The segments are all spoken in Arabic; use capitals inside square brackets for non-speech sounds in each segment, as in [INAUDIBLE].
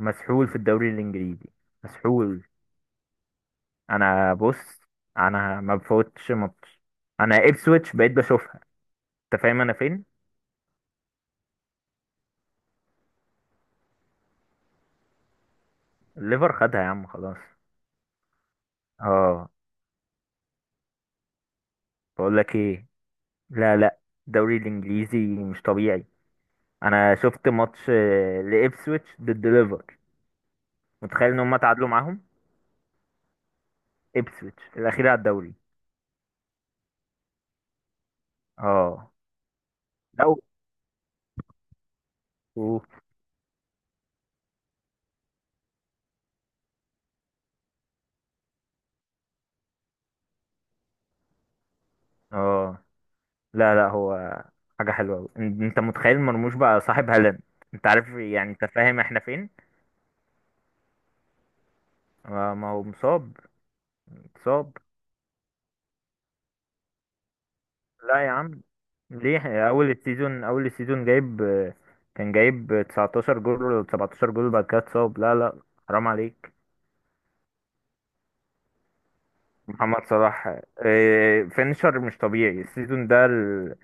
مسحول في الدوري الانجليزي. مسحول. انا بص. انا ما بفوتش ماتش. انا ابسويتش بقيت بشوفها. انت فاهم انا فين؟ الليفر خدها يا عم خلاص. اه. بقول لك ايه؟ لا، لا. الدوري الانجليزي مش طبيعي. انا شفت ماتش لابسويتش ضد ليفر. متخيل ان هم تعادلوا معاهم. ابسويتش الاخير على الدوري. اه. لو. أوه. اه. لا، لا، هو حاجه حلوه أوي. انت متخيل مرموش بقى صاحب هالاند. انت عارف، يعني انت فاهم احنا فين. ما هو مصاب. مصاب. لا يا عم. ليه اول السيزون جايب كان جايب 19 جول ولا 17 جول بعد كده اتصاب. لا، لا. حرام عليك. محمد صلاح. فينشر مش طبيعي السيزون ده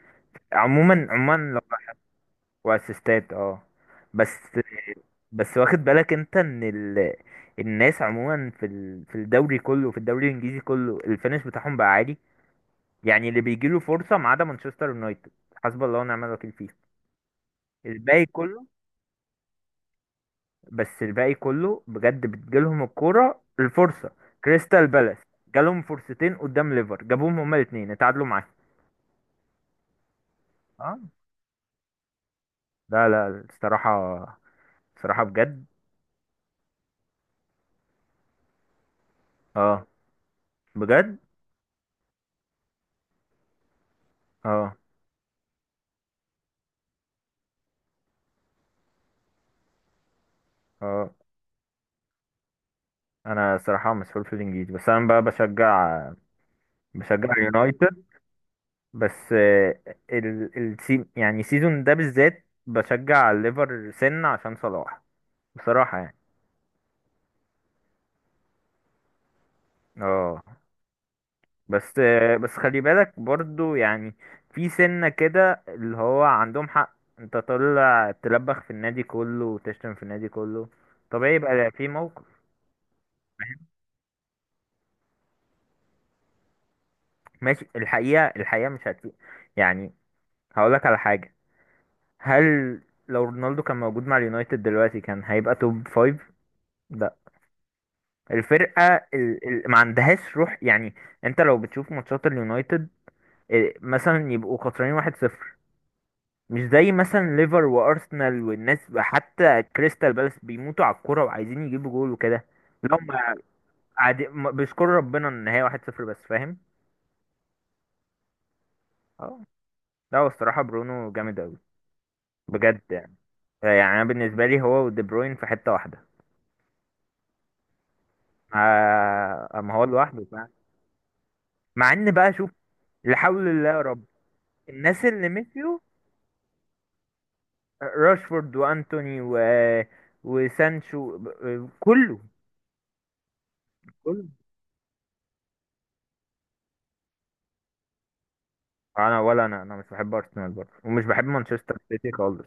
عموما، عموما لو. واسيستات. اه. بس. بس واخد بالك انت ان الناس عموما في الدوري كله، في الدوري الانجليزي كله الفينش بتاعهم بقى عالي. يعني اللي بيجيله فرصة ما عدا مانشستر يونايتد، حسب الله ونعم الوكيل فيه. الباقي كله. بس الباقي كله بجد بتجيلهم الكورة الفرصة. كريستال بالاس جالهم فرصتين قدام ليفر جابوهم، هما الاثنين اتعادلوا معاهم. اه. لا، لا، الصراحة. الصراحة بجد. اه. بجد. اه. اه. انا صراحة مسحول في الانجليزي، بس انا بقى بشجع. بشجع يونايتد. بس يعني السيزون ده بالذات بشجع الليفر سن عشان صلاح. بصراحة يعني. اه. بس. بس خلي بالك برضو يعني في سنة كده اللي هو عندهم حق انت طالع تلبخ في النادي كله وتشتم في النادي كله. طبيعي يبقى في موقف. فاهم؟ ماشي. الحقيقة مش هتفيد. يعني هقولك على حاجة. هل لو رونالدو كان موجود مع اليونايتد دلوقتي كان هيبقى توب فايف. لا. الفرقة ما عندهاش روح يعني. انت لو بتشوف ماتشات اليونايتد، مثلا يبقوا خسرانين 1-0. مش زي مثلا ليفر وارسنال والناس، حتى كريستال بالاس بيموتوا على الكوره وعايزين يجيبوا جول وكده. لهم. قاعدين بيشكروا ربنا ان هي 1-0 بس. فاهم؟ اه. لا، هو الصراحه برونو جامد قوي. بجد يعني. يعني انا بالنسبه لي هو ودي بروين في حته واحده. اما هو لوحده فعلا. مع ان بقى شوف. لا حول الله يا رب. الناس اللي مشيوا. راشفورد وانتوني وسانشو كله. كله. ولا انا مش بحب ارسنال برضه ومش بحب مانشستر سيتي خالص.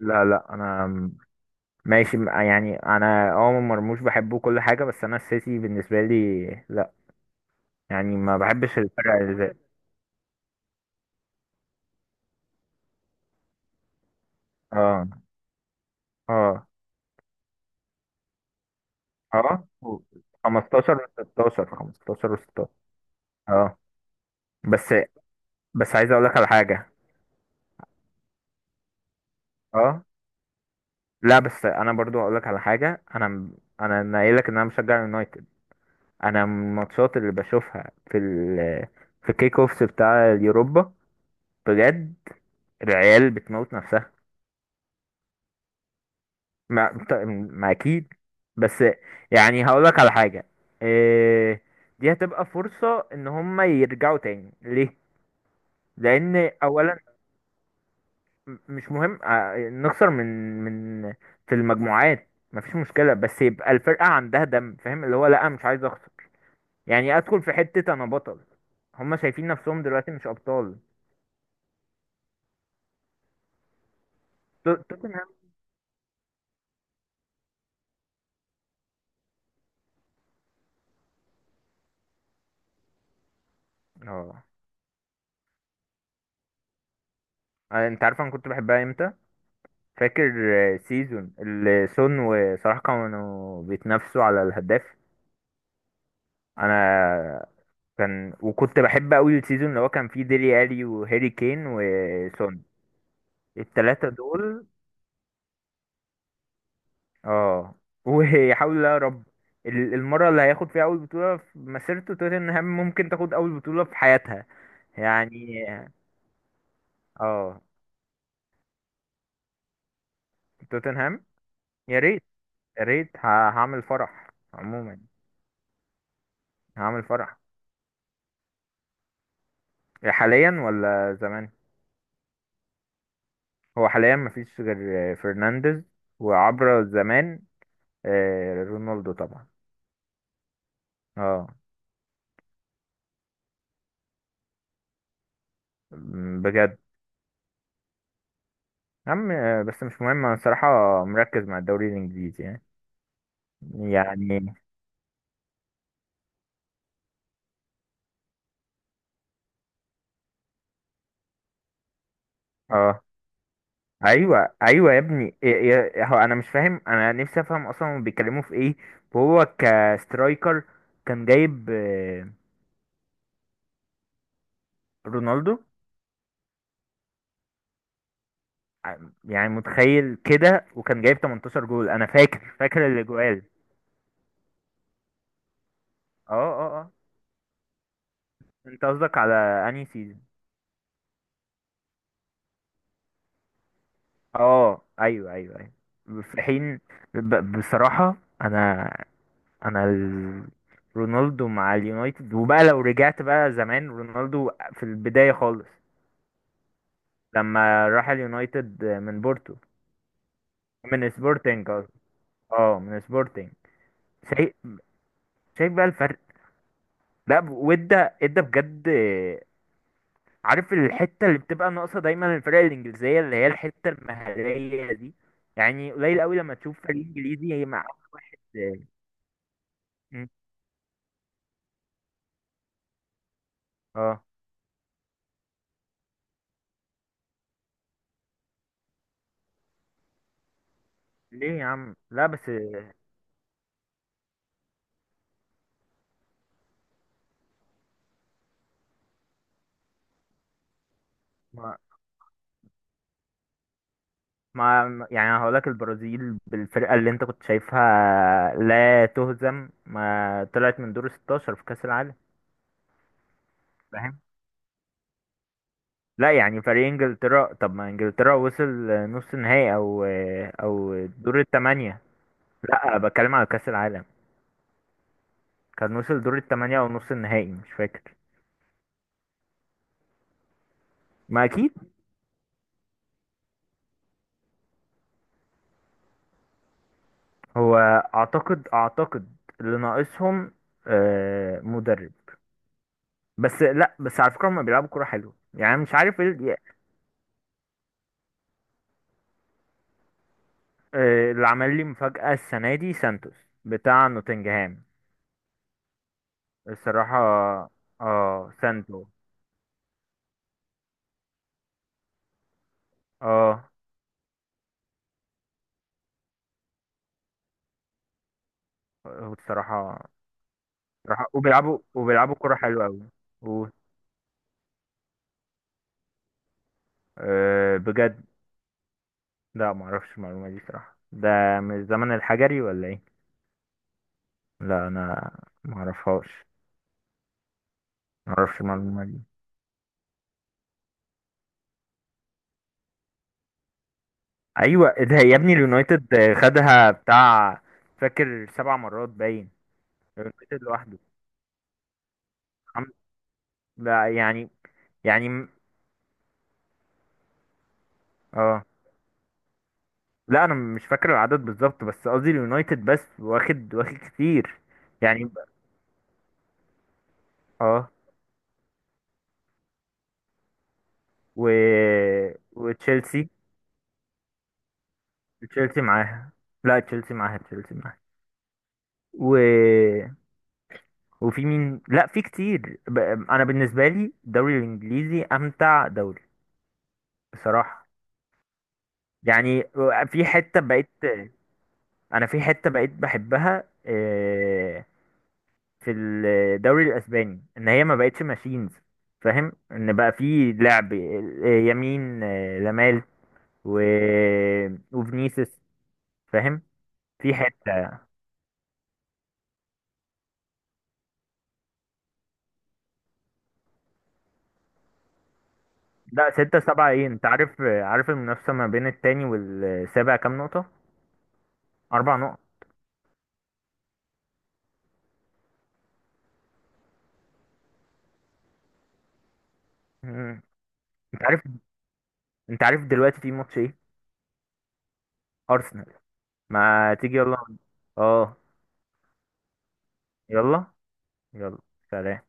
لا، لا، انا ماشي يعني انا مرموش بحبه كل حاجه، بس انا السيتي بالنسبه لي لا. يعني ما بحبش الفرق اللي زي اه اه اه و- 15 و16، 15 و16. اه. بس بس عايز اقول لك على حاجه. اه. لا بس انا برضو هقول لك على حاجه. انا انا نايل لك ان انا مشجع يونايتد. انا من الماتشات اللي بشوفها في الكيك اوفس بتاع اليوروبا. بجد. العيال بتموت نفسها. ما, بت- ما اكيد. بس. يعني هقولك على حاجة. إيه؟ دي هتبقى فرصة ان هم يرجعوا تاني ليه، لان اولا مش مهم نخسر من، من في المجموعات مفيش مشكلة بس يبقى الفرقة عندها دم. فاهم؟ اللي هو لا، مش عايز اخسر. يعني ادخل في حتة انا بطل. هم شايفين نفسهم دلوقتي مش ابطال. توتنهام. اه. انت عارف انا كنت بحبها امتى؟ فاكر سيزون اللي سون وصلاح كانوا بيتنافسوا على الهداف. انا كان وكنت بحب قوي السيزون اللي هو كان فيه ديلي الي وهاري كين وسون. التلاتة دول. اه. [LAUGHS] ويحاول يا رب. المرة اللي هياخد فيها اول بطولة في مسيرته، توتنهام ممكن تاخد اول بطولة في حياتها. يعني. اه. توتنهام. يا ريت، يا ريت هعمل فرح عموما. هعمل فرح. حاليا ولا زمان؟ هو حاليا مفيش غير فرنانديز. وعبر زمان. رونالدو طبعا. اه. بجد؟ يا عم بس مش مهم انا الصراحة مركز مع الدوري الانجليزي يعني. يعني. اه. ايوه، ايوه يا ابني. هو انا مش فاهم، انا نفسي افهم اصلا هما بيتكلموا في ايه. وهو كسترايكر. كان جايب رونالدو ع- يعني متخيل كده، وكان جايب 18 جول. انا فاكر الاجوال. اه، اه، اه. انت قصدك على انهي سيزون؟ اه، ايوه، ايوه. ايوه في حين. بصراحة. انا. انا ال... رونالدو مع اليونايتد، وبقى لو رجعت بقى زمان رونالدو في البداية خالص. لما راح اليونايتد من بورتو، من سبورتنج قصدي. اه، من سبورتنج. شايف شايف بقى الفرق. لا وادى ادى بجد. عارف الحتة اللي بتبقى ناقصة دايما الفرق الإنجليزية اللي هي الحتة المهارية دي. يعني قليل قوي لما تشوف فريق إنجليزي مع. اه. ليه يا عم، لا بس. ما, ما يعني هقولك، البرازيل بالفرقة اللي انت كنت شايفها لا تهزم، ما طلعت من دور 16 في كأس العالم. فاهم؟ لا يعني فريق انجلترا، طب ما انجلترا وصل نص نهائي، او او دور الثمانية. لا بتكلم على كأس العالم. كان وصل دور الثمانية او نص النهائي مش فاكر. ما اكيد. هو اعتقد اللي ناقصهم مدرب. بس لا، بس على فكرة هما بيلعبوا كورة حلوة يعني مش عارف ايه. اللي عمل لي مفاجأة السنة دي سانتوس، بتاع نوتنجهام. الصراحة. اه، سانتو. اه. هو بصراحة، بصراحة وبيلعبوا كرة حلوة أوي. و... بجد؟ لا، معرفش المعلومة دي صراحة. ده من الزمن الحجري ولا ايه؟ لا أنا معرفهاش. معرفش المعلومة دي. أيوة، ده يا ابني اليونايتد خدها بتاع. فاكر سبع مرات باين. اليونايتد لوحده. خم- لا يعني. يعني اه. لا انا مش فاكر العدد بالظبط، بس قصدي اليونايتد بس واخد واخد كتير يعني. اه. و وتشيلسي. تشيلسي معاها. لا، تشيلسي معاها، تشيلسي معاها. و... وفي مين؟ لا، في كتير انا بالنسبه لي الدوري الانجليزي امتع دوري. بصراحه. يعني. في حته بقيت. انا في حته بقيت بحبها في الدوري الاسباني ان هي ما بقتش ماشينز. فاهم ان بقى في لعب يمين لامال و... وفينيسيوس. فاهم؟ في حته. لا ستة سبعة ايه؟ انت عارف، عارف المنافسه ما بين التاني والسابع كام نقطه؟ اربع نقط. مم. انت عارف انت عارف دلوقتي في ماتش ايه؟ ارسنال. ما تيجي يلا. اه. يلا، يلا. سلام.